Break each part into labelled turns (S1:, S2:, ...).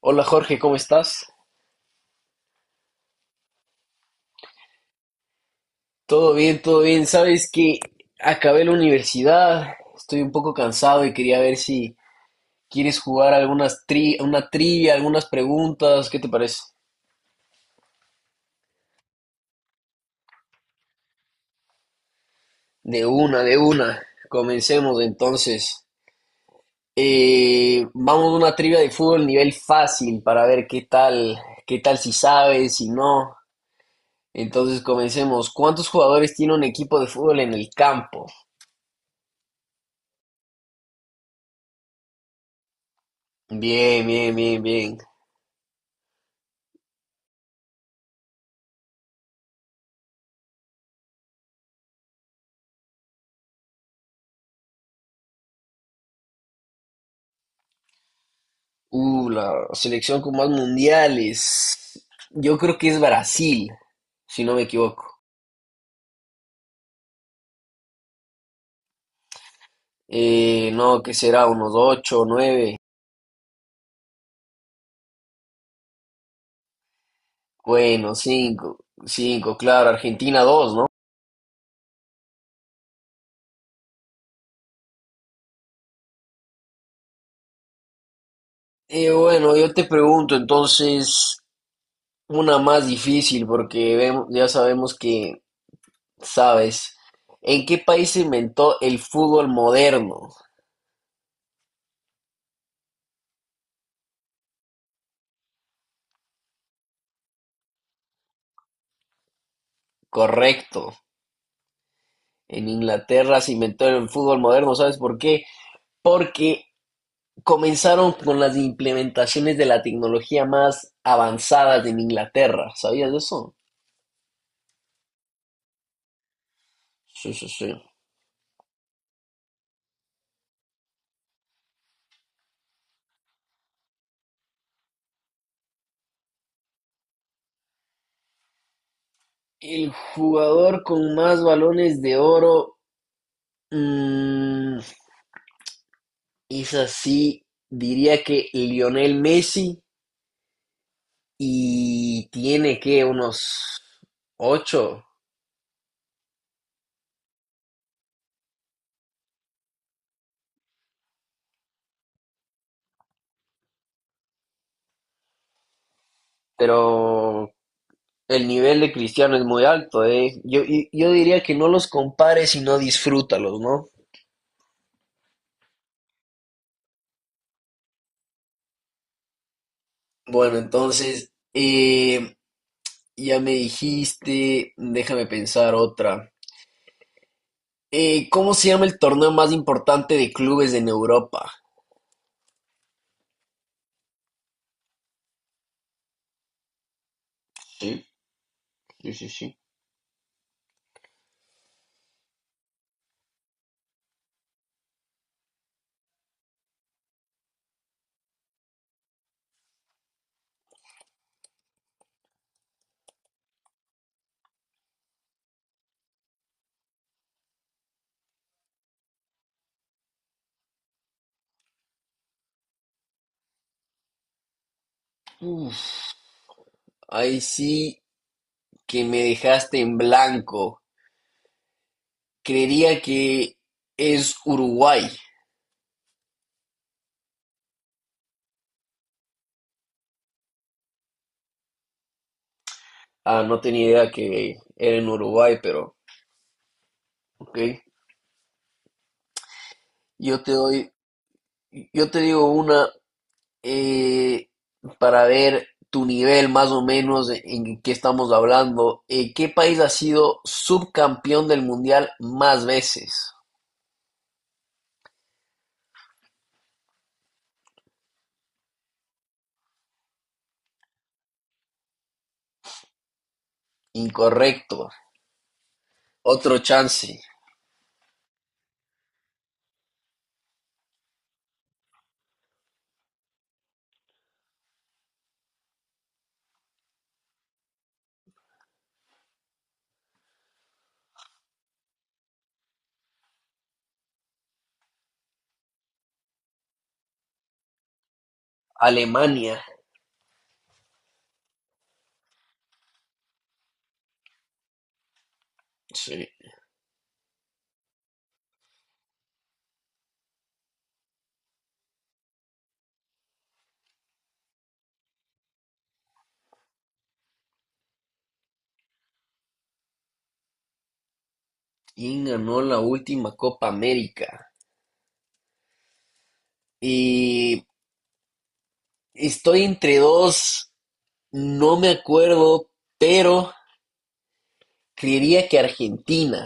S1: Hola Jorge, ¿cómo estás? Todo bien, todo bien. Sabes que acabé la universidad, estoy un poco cansado y quería ver si quieres jugar algunas tri una trivia, algunas preguntas, ¿qué te parece? De una, de una. Comencemos entonces. Vamos a una trivia de fútbol nivel fácil para ver qué tal si sabes, si no. Entonces comencemos. ¿Cuántos jugadores tiene un equipo de fútbol en el campo? Bien, bien, bien, bien. La selección con más mundiales. Yo creo que es Brasil, si no me equivoco. No, que será unos ocho, nueve. Bueno, cinco, cinco, claro. Argentina dos, ¿no? Bueno, yo te pregunto entonces una más difícil porque ya sabemos que sabes. ¿En qué país se inventó el fútbol moderno? Correcto. En Inglaterra se inventó el fútbol moderno, ¿sabes por qué? Porque comenzaron con las implementaciones de la tecnología más avanzadas en Inglaterra, ¿sabías de eso? Sí, sí, sí. El jugador con más balones de oro, mm, es así, diría que Lionel Messi y tiene que unos ocho, pero el nivel de Cristiano es muy alto, ¿eh? Yo diría que no los compares y no disfrútalos, ¿no? Bueno, entonces, ya me dijiste, déjame pensar otra. ¿Cómo se llama el torneo más importante de clubes en Europa? Sí, sí, sí, sí. Uf, ahí sí que me dejaste en blanco. Creería que es Uruguay. Ah, no tenía idea que era en Uruguay, pero ok. Yo te doy, yo te digo una eh, para ver tu nivel más o menos en, qué estamos hablando. ¿Qué país ha sido subcampeón del mundial más veces? Incorrecto. Otro chance. Alemania. Sí. ¿Quién ganó la última Copa América? Y estoy entre dos, no me acuerdo, pero creería que Argentina.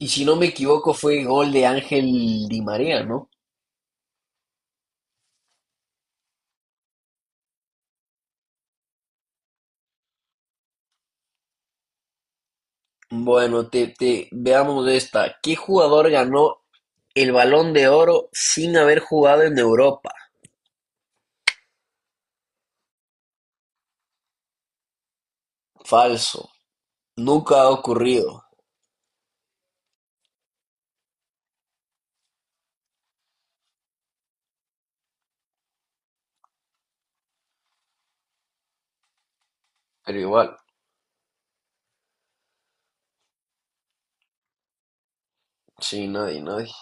S1: Y si no me equivoco, fue gol de Ángel Di María, ¿no? Bueno, veamos esta. ¿Qué jugador ganó el Balón de Oro sin haber jugado en Europa? Falso. Nunca ha ocurrido. Pero igual, sí, nadie, nadie.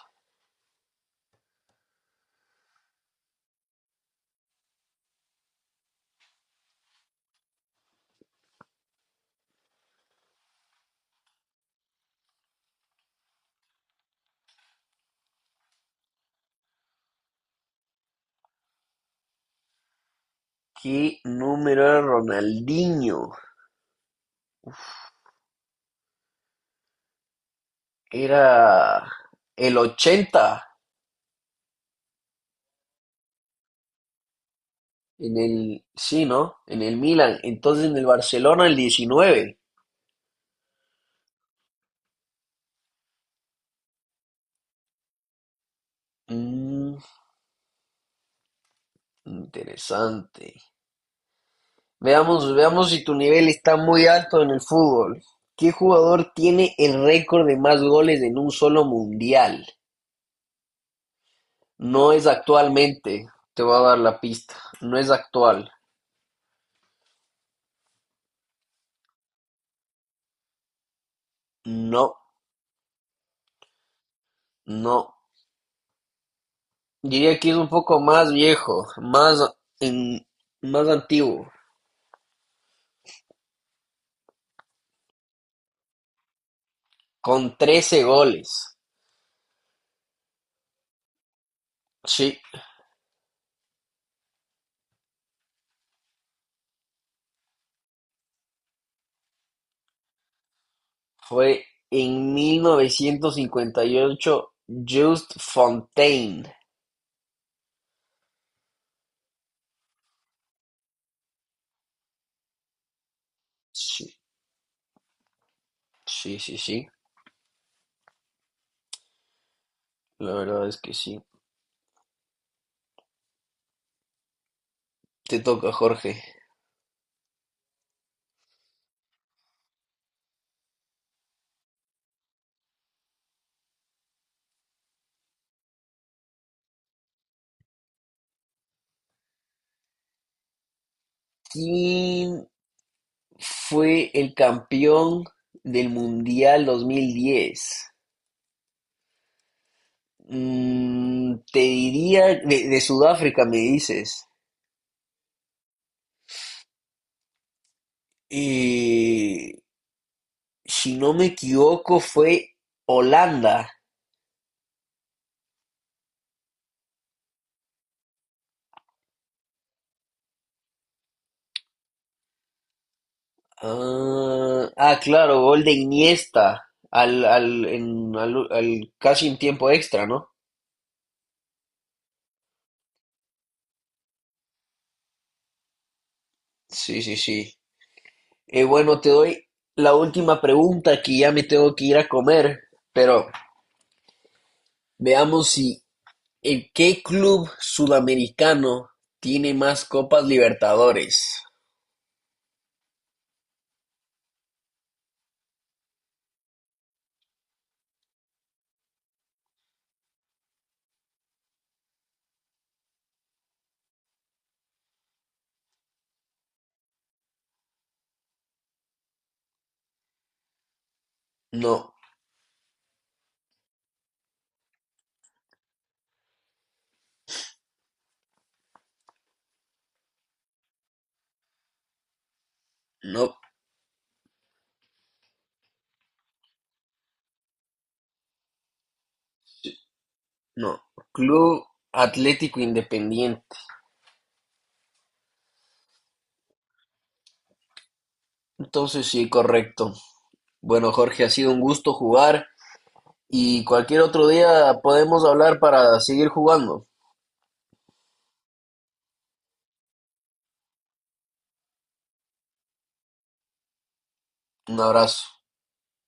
S1: ¿Qué número era Ronaldinho? Era el 80 sí, ¿no? En el Milan. Entonces en el Barcelona el 19. Mm, interesante. Veamos, veamos si tu nivel está muy alto en el fútbol. ¿Qué jugador tiene el récord de más goles en un solo mundial? No es actualmente. Te voy a dar la pista. No es actual. No, no. Diría que es un poco más viejo, más, en- más antiguo, con 13 goles. Sí, fue en 1958 Just Fontaine. Sí, sí, sí, sí. La verdad es que sí. Te toca, Jorge. ¿Quién fue el campeón del Mundial 2010? Te diría de, Sudáfrica, me dices. Eh, si no me equivoco, fue Holanda. Ah, ah, claro, gol de Iniesta al, al, en- al- al- casi en tiempo extra, ¿no? Sí, sí, sí. Bueno, te doy la última pregunta que ya me tengo que ir a comer, pero veamos si el qué club sudamericano tiene más Copas Libertadores. No, no, no. Club Atlético Independiente. Entonces sí, correcto. Bueno, Jorge, ha sido un gusto jugar y cualquier otro día podemos hablar para seguir jugando. Un abrazo.